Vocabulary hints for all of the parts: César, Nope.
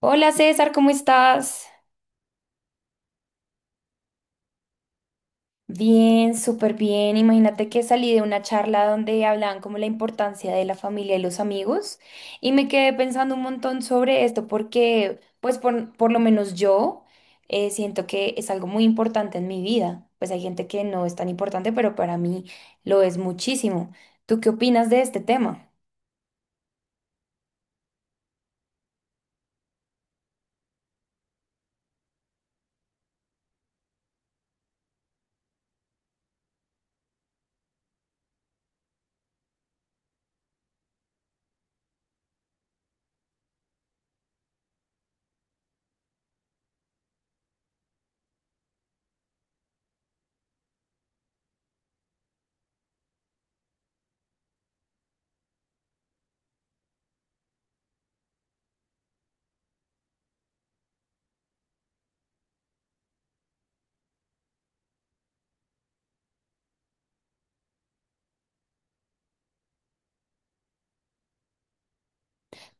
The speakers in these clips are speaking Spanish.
Hola César, ¿cómo estás? Bien, súper bien. Imagínate que salí de una charla donde hablaban como la importancia de la familia y los amigos y me quedé pensando un montón sobre esto porque pues por lo menos yo siento que es algo muy importante en mi vida. Pues hay gente que no es tan importante, pero para mí lo es muchísimo. ¿Tú qué opinas de este tema?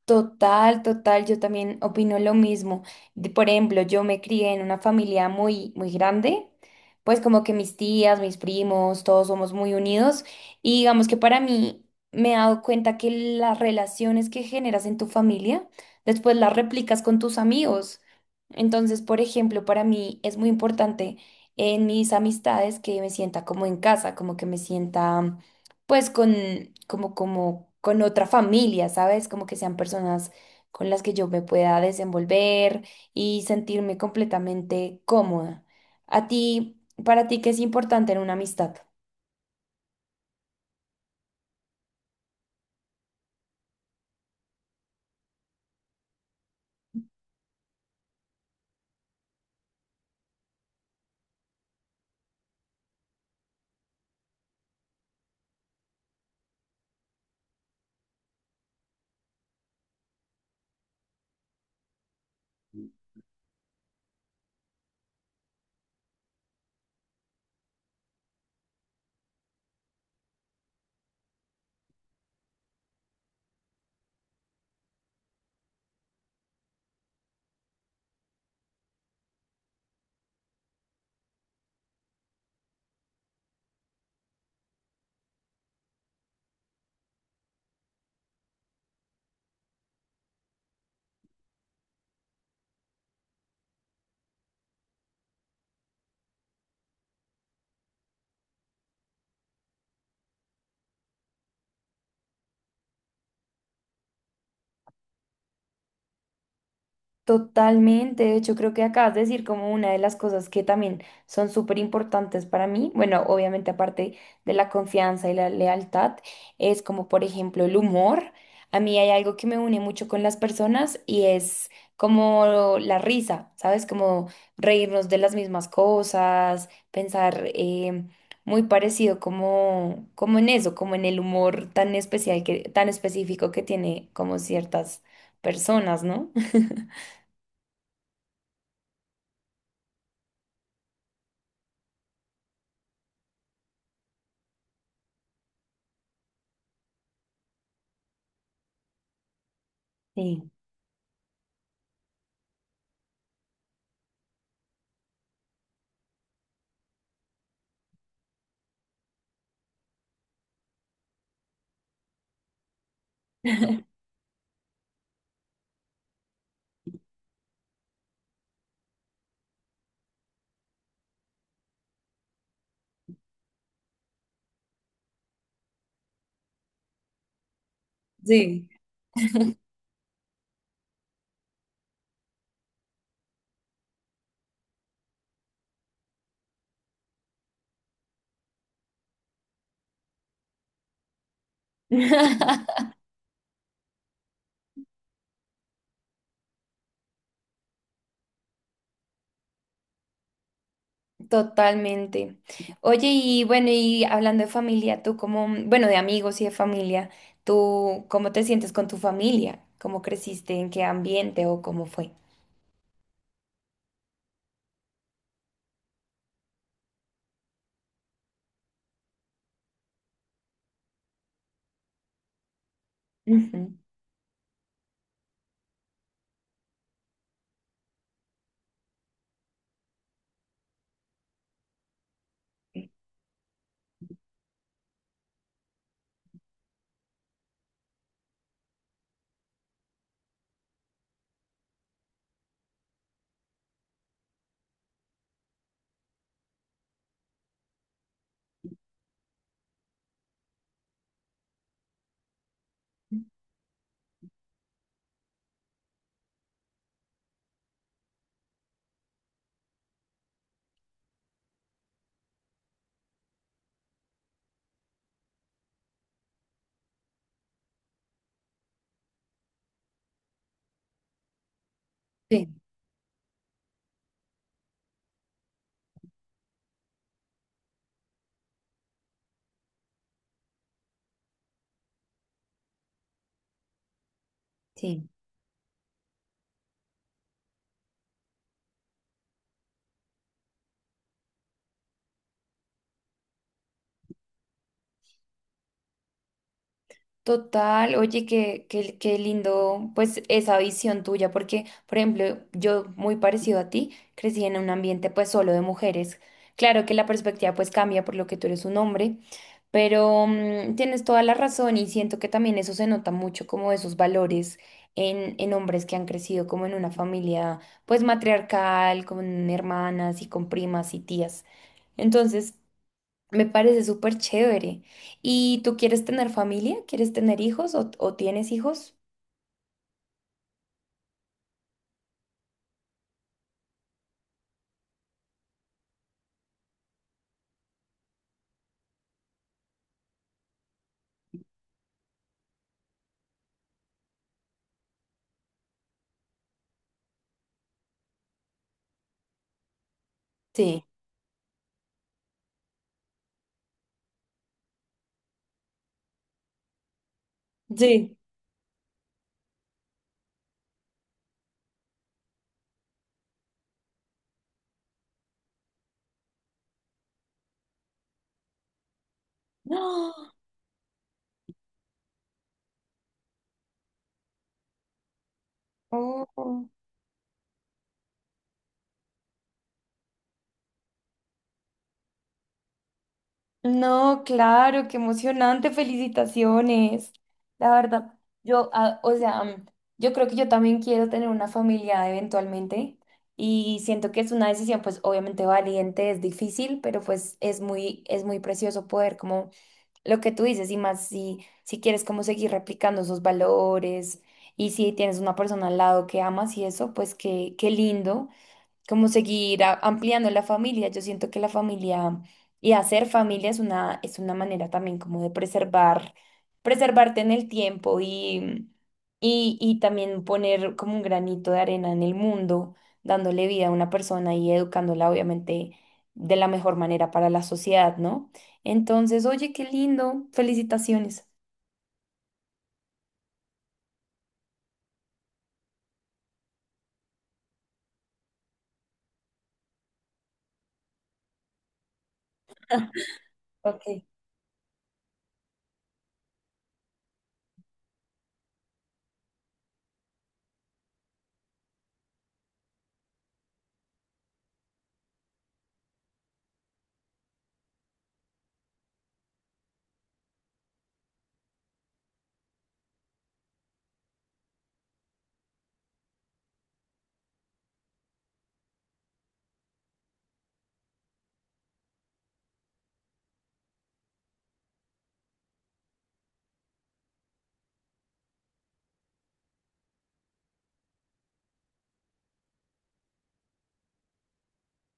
Total, total, yo también opino lo mismo. Por ejemplo, yo me crié en una familia muy, muy grande, pues como que mis tías, mis primos, todos somos muy unidos y digamos que para mí me he dado cuenta que las relaciones que generas en tu familia, después las replicas con tus amigos. Entonces, por ejemplo, para mí es muy importante en mis amistades que me sienta como en casa, como que me sienta pues con, con otra familia, ¿sabes? Como que sean personas con las que yo me pueda desenvolver y sentirme completamente cómoda. A ti, para ti, ¿qué es importante en una amistad? Totalmente, de hecho creo que acabas de decir como una de las cosas que también son súper importantes para mí, bueno, obviamente aparte de la confianza y la lealtad, es como por ejemplo el humor. A mí hay algo que me une mucho con las personas y es como la risa, ¿sabes? Como reírnos de las mismas cosas, pensar muy parecido como, como en eso, como en el humor tan especial que, tan específico que tiene como ciertas personas, ¿no? Sí. Sí. Totalmente. Oye, y bueno, y hablando de familia, tú como, bueno, de amigos y de familia, ¿tú cómo te sientes con tu familia? ¿Cómo creciste? ¿En qué ambiente o cómo fue? Ujú. Sí, sí. Total, oye, qué lindo, pues esa visión tuya, porque, por ejemplo, yo muy parecido a ti, crecí en un ambiente pues solo de mujeres. Claro que la perspectiva pues cambia por lo que tú eres un hombre, pero tienes toda la razón y siento que también eso se nota mucho como esos valores en hombres que han crecido como en una familia pues matriarcal, con hermanas y con primas y tías. Entonces, me parece súper chévere. ¿Y tú quieres tener familia? ¿Quieres tener hijos o tienes hijos? Sí, sí. ¡Ah! Oh, no, claro, qué emocionante, felicitaciones. La verdad, yo, ah, o sea, mm, yo creo que yo también quiero tener una familia eventualmente y siento que es una decisión, pues obviamente valiente, es difícil, pero pues es muy precioso poder como lo que tú dices, y más si quieres como seguir replicando esos valores, y si tienes una persona al lado que amas y eso, pues qué, qué lindo como seguir ampliando la familia. Yo siento que la familia y hacer familia es una manera también como de preservar, preservarte en el tiempo y también poner como un granito de arena en el mundo, dándole vida a una persona y educándola obviamente de la mejor manera para la sociedad, ¿no? Entonces, oye, qué lindo, felicitaciones. Ok,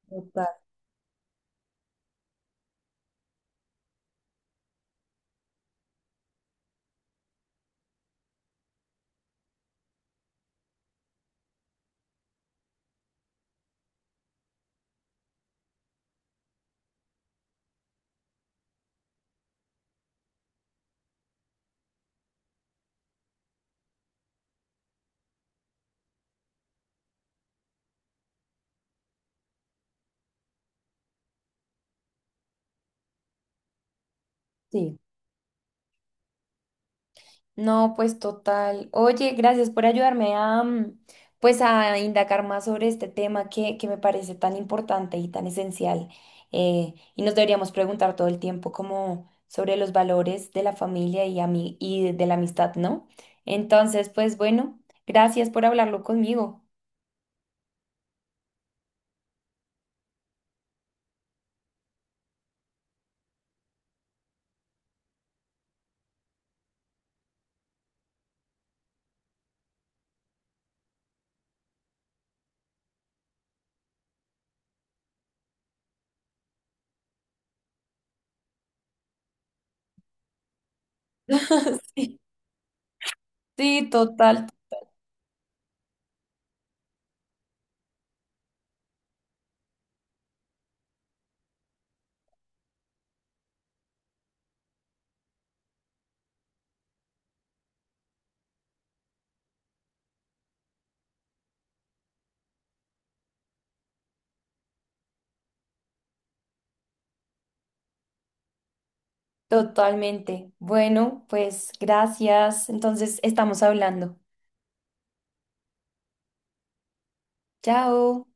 total. Sí. No, pues total. Oye, gracias por ayudarme a, mm, pues a indagar más sobre este tema que me parece tan importante y tan esencial. Y nos deberíamos preguntar todo el tiempo como sobre los valores de la familia y, y de la amistad, ¿no? Entonces, pues bueno, gracias por hablarlo conmigo. Sí. Sí, total, totalmente. Bueno, pues gracias. Entonces, estamos hablando. Chao.